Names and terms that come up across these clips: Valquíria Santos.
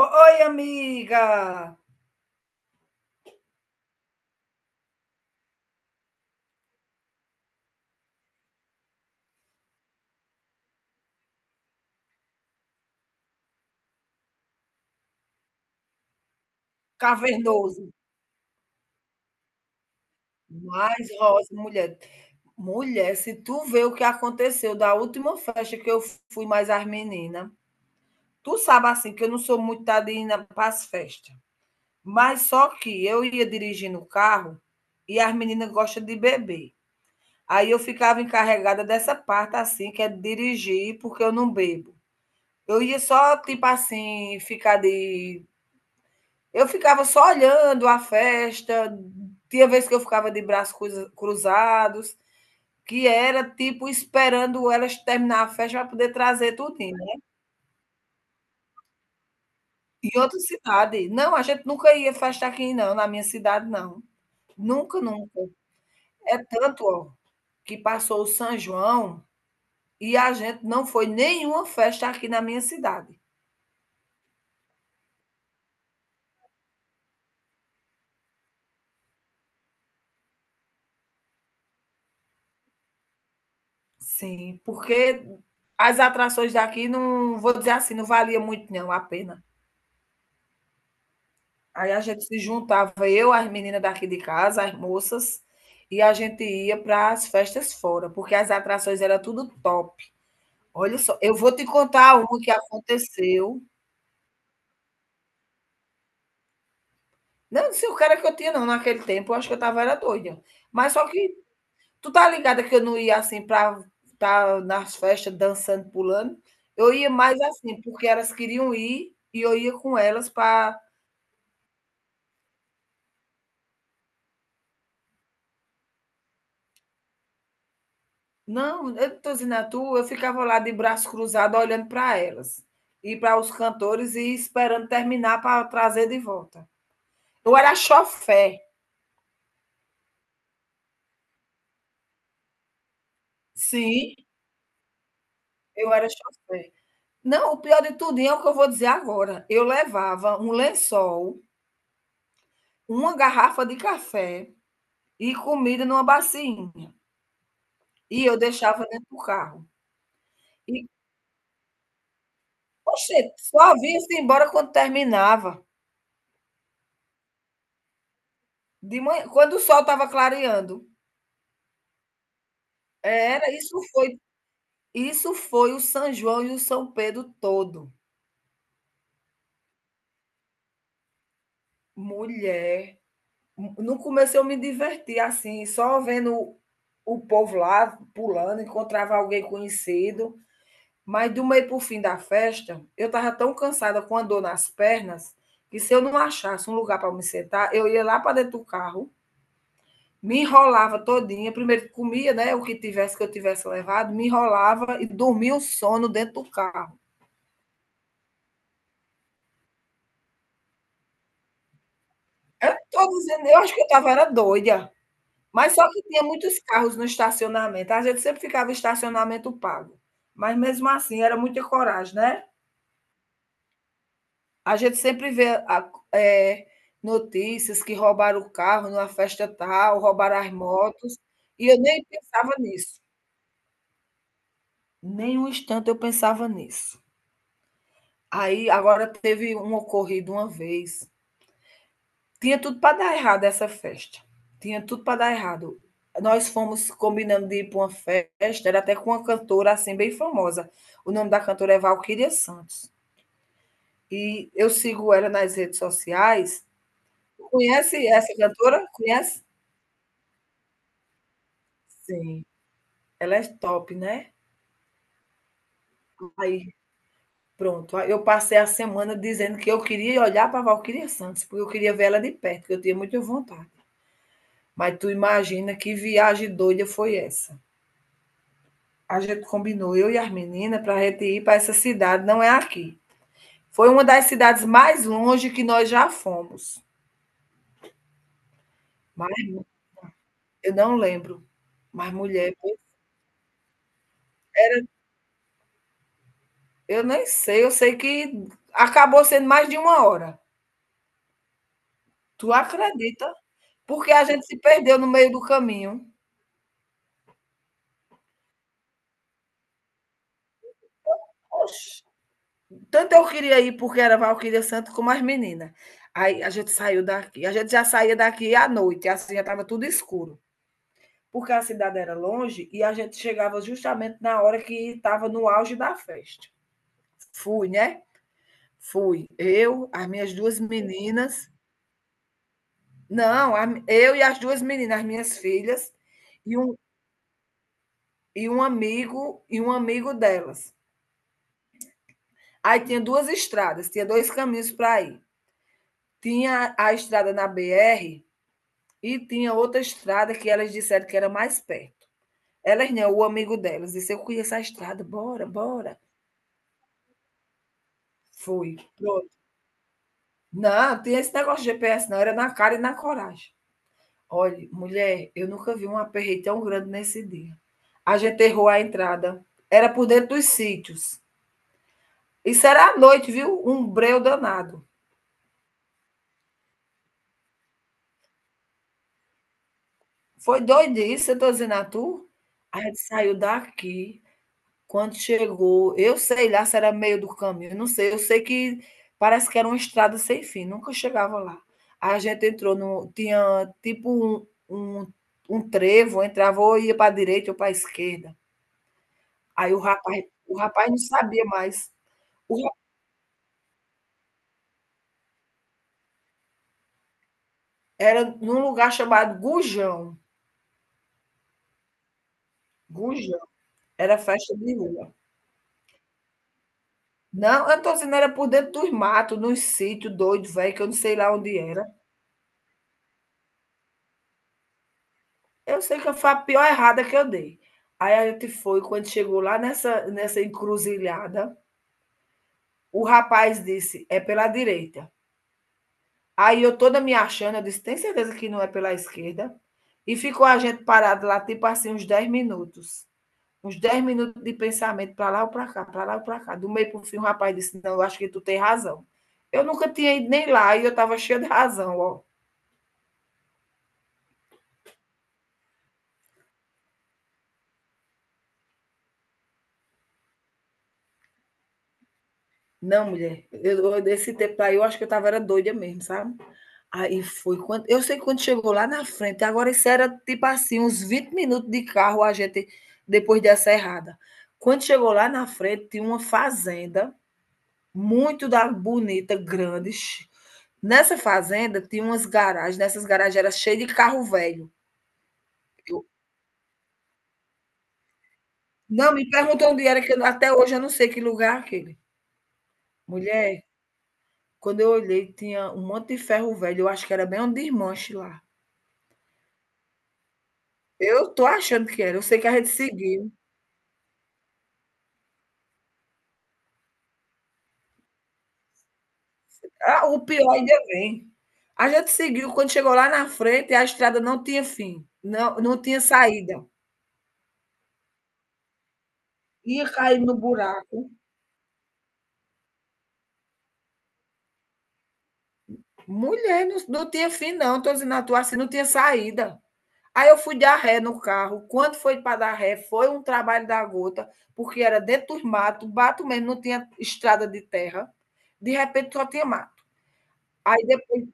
O oi, amiga, cavernoso, mais rosa, mulher. Mulher, se tu vê o que aconteceu da última festa que eu fui mais as menina, tu sabe, assim, que eu não sou muito da na para as festa, mas só que eu ia dirigindo o carro e as meninas gostam de beber. Aí eu ficava encarregada dessa parte, assim, que é dirigir, porque eu não bebo. Eu ia só, tipo assim, ficar de Eu ficava só olhando a festa, tinha vez que eu ficava de braços cruzados, que era tipo esperando elas terminar a festa para poder trazer tudinho, né. Em outra cidade. Não, a gente nunca ia festa aqui não, na minha cidade não. Nunca, nunca. É tanto, ó, que passou o São João e a gente não foi nenhuma festa aqui na minha cidade. Sim, porque as atrações daqui não vou dizer assim, não valia muito não a pena. Aí a gente se juntava, eu, as meninas daqui de casa, as moças, e a gente ia para as festas fora, porque as atrações era tudo top. Olha só, eu vou te contar uma que aconteceu. Não, não sei o cara que eu tinha, não, naquele tempo, eu acho que eu estava era doida. Mas só que tu tá ligada que eu não ia assim para estar nas festas dançando, pulando. Eu ia mais assim, porque elas queriam ir e eu ia com elas para Não, eu não estou dizendo a tu, eu ficava lá de braço cruzado olhando para elas e para os cantores e esperando terminar para trazer de volta. Eu era chofé. Sim, eu era chofé. Não, o pior de tudo é o que eu vou dizer agora. Eu levava um lençol, uma garrafa de café e comida numa bacinha. E eu deixava dentro do carro. E, poxa, só vinha-se embora quando terminava. De manhã, quando o sol estava clareando. Era, isso foi Isso foi o São João e o São Pedro todo. Mulher, no começo eu me diverti assim, só vendo o povo lá pulando, encontrava alguém conhecido, mas do meio para o fim da festa, eu estava tão cansada com a dor nas pernas, que se eu não achasse um lugar para me sentar, eu ia lá para dentro do carro, me enrolava todinha, primeiro comia, né, o que tivesse que eu tivesse levado, me enrolava e dormia o sono dentro do carro. Eu tô dizendo, eu acho que eu estava era doida. Mas só que tinha muitos carros no estacionamento. A gente sempre ficava em estacionamento pago, mas mesmo assim era muita coragem, né. A gente sempre vê a notícias que roubaram o carro numa festa tal, roubaram as motos, e eu nem pensava nisso, nem um instante eu pensava nisso. Aí agora teve um ocorrido uma vez Tinha tudo para dar errado essa festa. Tinha tudo para dar errado. Nós fomos combinando de ir para uma festa, era até com uma cantora assim bem famosa. O nome da cantora é Valquíria Santos. E eu sigo ela nas redes sociais. Conhece essa cantora? Conhece? Sim. Ela é top, né? Aí, pronto. Aí eu passei a semana dizendo que eu queria olhar para Valquíria Santos, porque eu queria ver ela de perto, que eu tinha muita vontade. Mas tu imagina que viagem doida foi essa. A gente combinou, eu e as meninas, para a gente ir para essa cidade, não é aqui. Foi uma das cidades mais longe que nós já fomos. Mas eu não lembro. Mas, mulher, eu nem sei, eu sei que acabou sendo mais de uma hora. Tu acredita? Porque a gente se perdeu no meio do caminho. Oxe. Tanto eu queria ir porque era Valquíria Santo como as meninas. Aí a gente saiu daqui. A gente já saía daqui à noite, assim já estava tudo escuro. Porque a cidade era longe e a gente chegava justamente na hora que estava no auge da festa. Fui, né? Fui. Eu, as minhas duas meninas. Não, eu e as duas meninas, as minhas filhas, e um, e um amigo delas. Aí tinha duas estradas, tinha dois caminhos para ir. Tinha a estrada na BR e tinha outra estrada que elas disseram que era mais perto. Elas não, o amigo delas disse: Eu conheço a estrada, bora, bora. Fui. Não, tem esse negócio de GPS não, era na cara e na coragem. Olhe, mulher, eu nunca vi um aperreio tão grande nesse dia. A gente errou a entrada, era por dentro dos sítios. Isso era à noite, viu? Um breu danado. Foi doidice, eu tô dizendo a tu. A gente saiu daqui. Quando chegou, eu sei lá se era meio do caminho, não sei, eu sei que parece que era uma estrada sem fim, nunca chegava lá. A gente entrou no tinha tipo um um trevo, entrava ou ia pra direita ou pra esquerda. Aí o rapaz não sabia mais. O ra era num lugar chamado Gujão, Gujão, era festa de rua. Não, eu tô dizendo, era por dentro dos matos, num sítio doido velho, que eu não sei lá onde era. Eu sei que foi a pior errada que eu dei. Aí a gente foi, quando chegou lá nessa encruzilhada, o rapaz disse, é pela direita. Aí eu toda me achando, eu disse, tem certeza que não é pela esquerda? E ficou a gente parado lá, tipo assim, uns 10 minutos. Uns 10 minutos de pensamento, para lá ou para cá, para lá ou para cá. Do meio para o fim, o rapaz disse, não, eu acho que tu tem razão. Eu nunca tinha ido nem lá e eu estava cheia de razão, ó. Não, mulher, eu, desse tempo aí eu acho que eu estava era doida mesmo, sabe? Aí foi quando eu sei que quando chegou lá na frente, agora isso era tipo assim, uns 20 minutos de carro a gente depois dessa errada. Quando chegou lá na frente, tinha uma fazenda muito da bonita, grande. Nessa fazenda tinha umas garagens, nessas garagens era cheio de carro velho. Eu- não, me perguntou onde era, até hoje eu não sei que lugar é aquele. Mulher, quando eu olhei, tinha um monte de ferro velho, eu acho que era bem um desmanche lá. Eu tô achando que era, eu sei que a gente seguiu. Ah, o pior ainda vem. A gente seguiu, quando chegou lá na frente, a estrada não tinha fim, não tinha saída. Ia cair no buraco. Mulher, não tinha fim não, tô dizendo a tu assim, não tinha saída. Aí eu fui dar ré no carro, quando foi para dar ré, foi um trabalho da gota, porque era dentro dos mato, mato mesmo, não tinha estrada de terra, de repente só tinha mato. Aí depois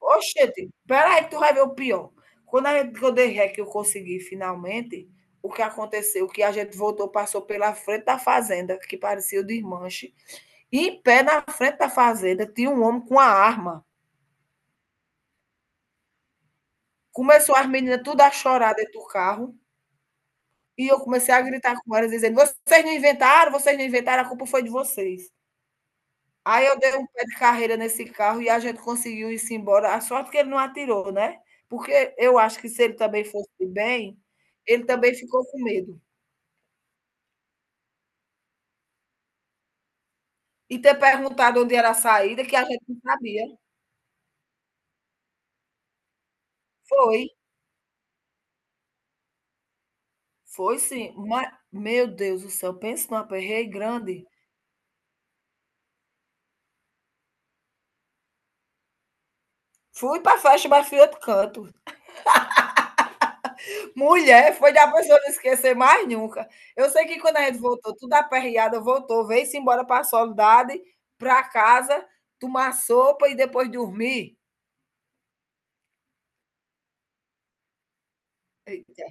Oxente, peraí, que tu vai ver o pior. Quando, quando eu dei que eu consegui finalmente, o que aconteceu, que a gente voltou, passou pela frente da fazenda, que parecia o desmanche, e em pé na frente da fazenda tinha um homem com a arma. Começou as meninas tudo a chorar dentro do carro, e eu comecei a gritar com elas, dizendo, vocês não inventaram, a culpa foi de vocês. Aí eu dei um pé de carreira nesse carro e a gente conseguiu ir-se embora. A sorte que ele não atirou, né, porque eu acho que se ele também fosse bem, ele também ficou com medo. E ter perguntado onde era a saída, que a gente não sabia. Foi, foi sim, ma meu Deus do céu, pense em um aperreio grande. Fui para a festa, mas fui outro canto. Mulher, foi da pessoa não esquecer mais nunca. Eu sei que quando a gente voltou, tudo aperreada, voltou, veio-se embora para a Soledade, para casa, tomar sopa e depois dormir. Eita,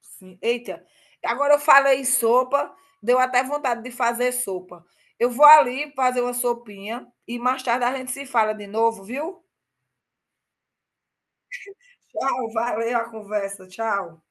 sim, eita. Agora eu falei em sopa, deu até vontade de fazer sopa. Eu vou ali fazer uma sopinha e mais tarde a gente se fala de novo, viu? Tchau, valeu a conversa, tchau.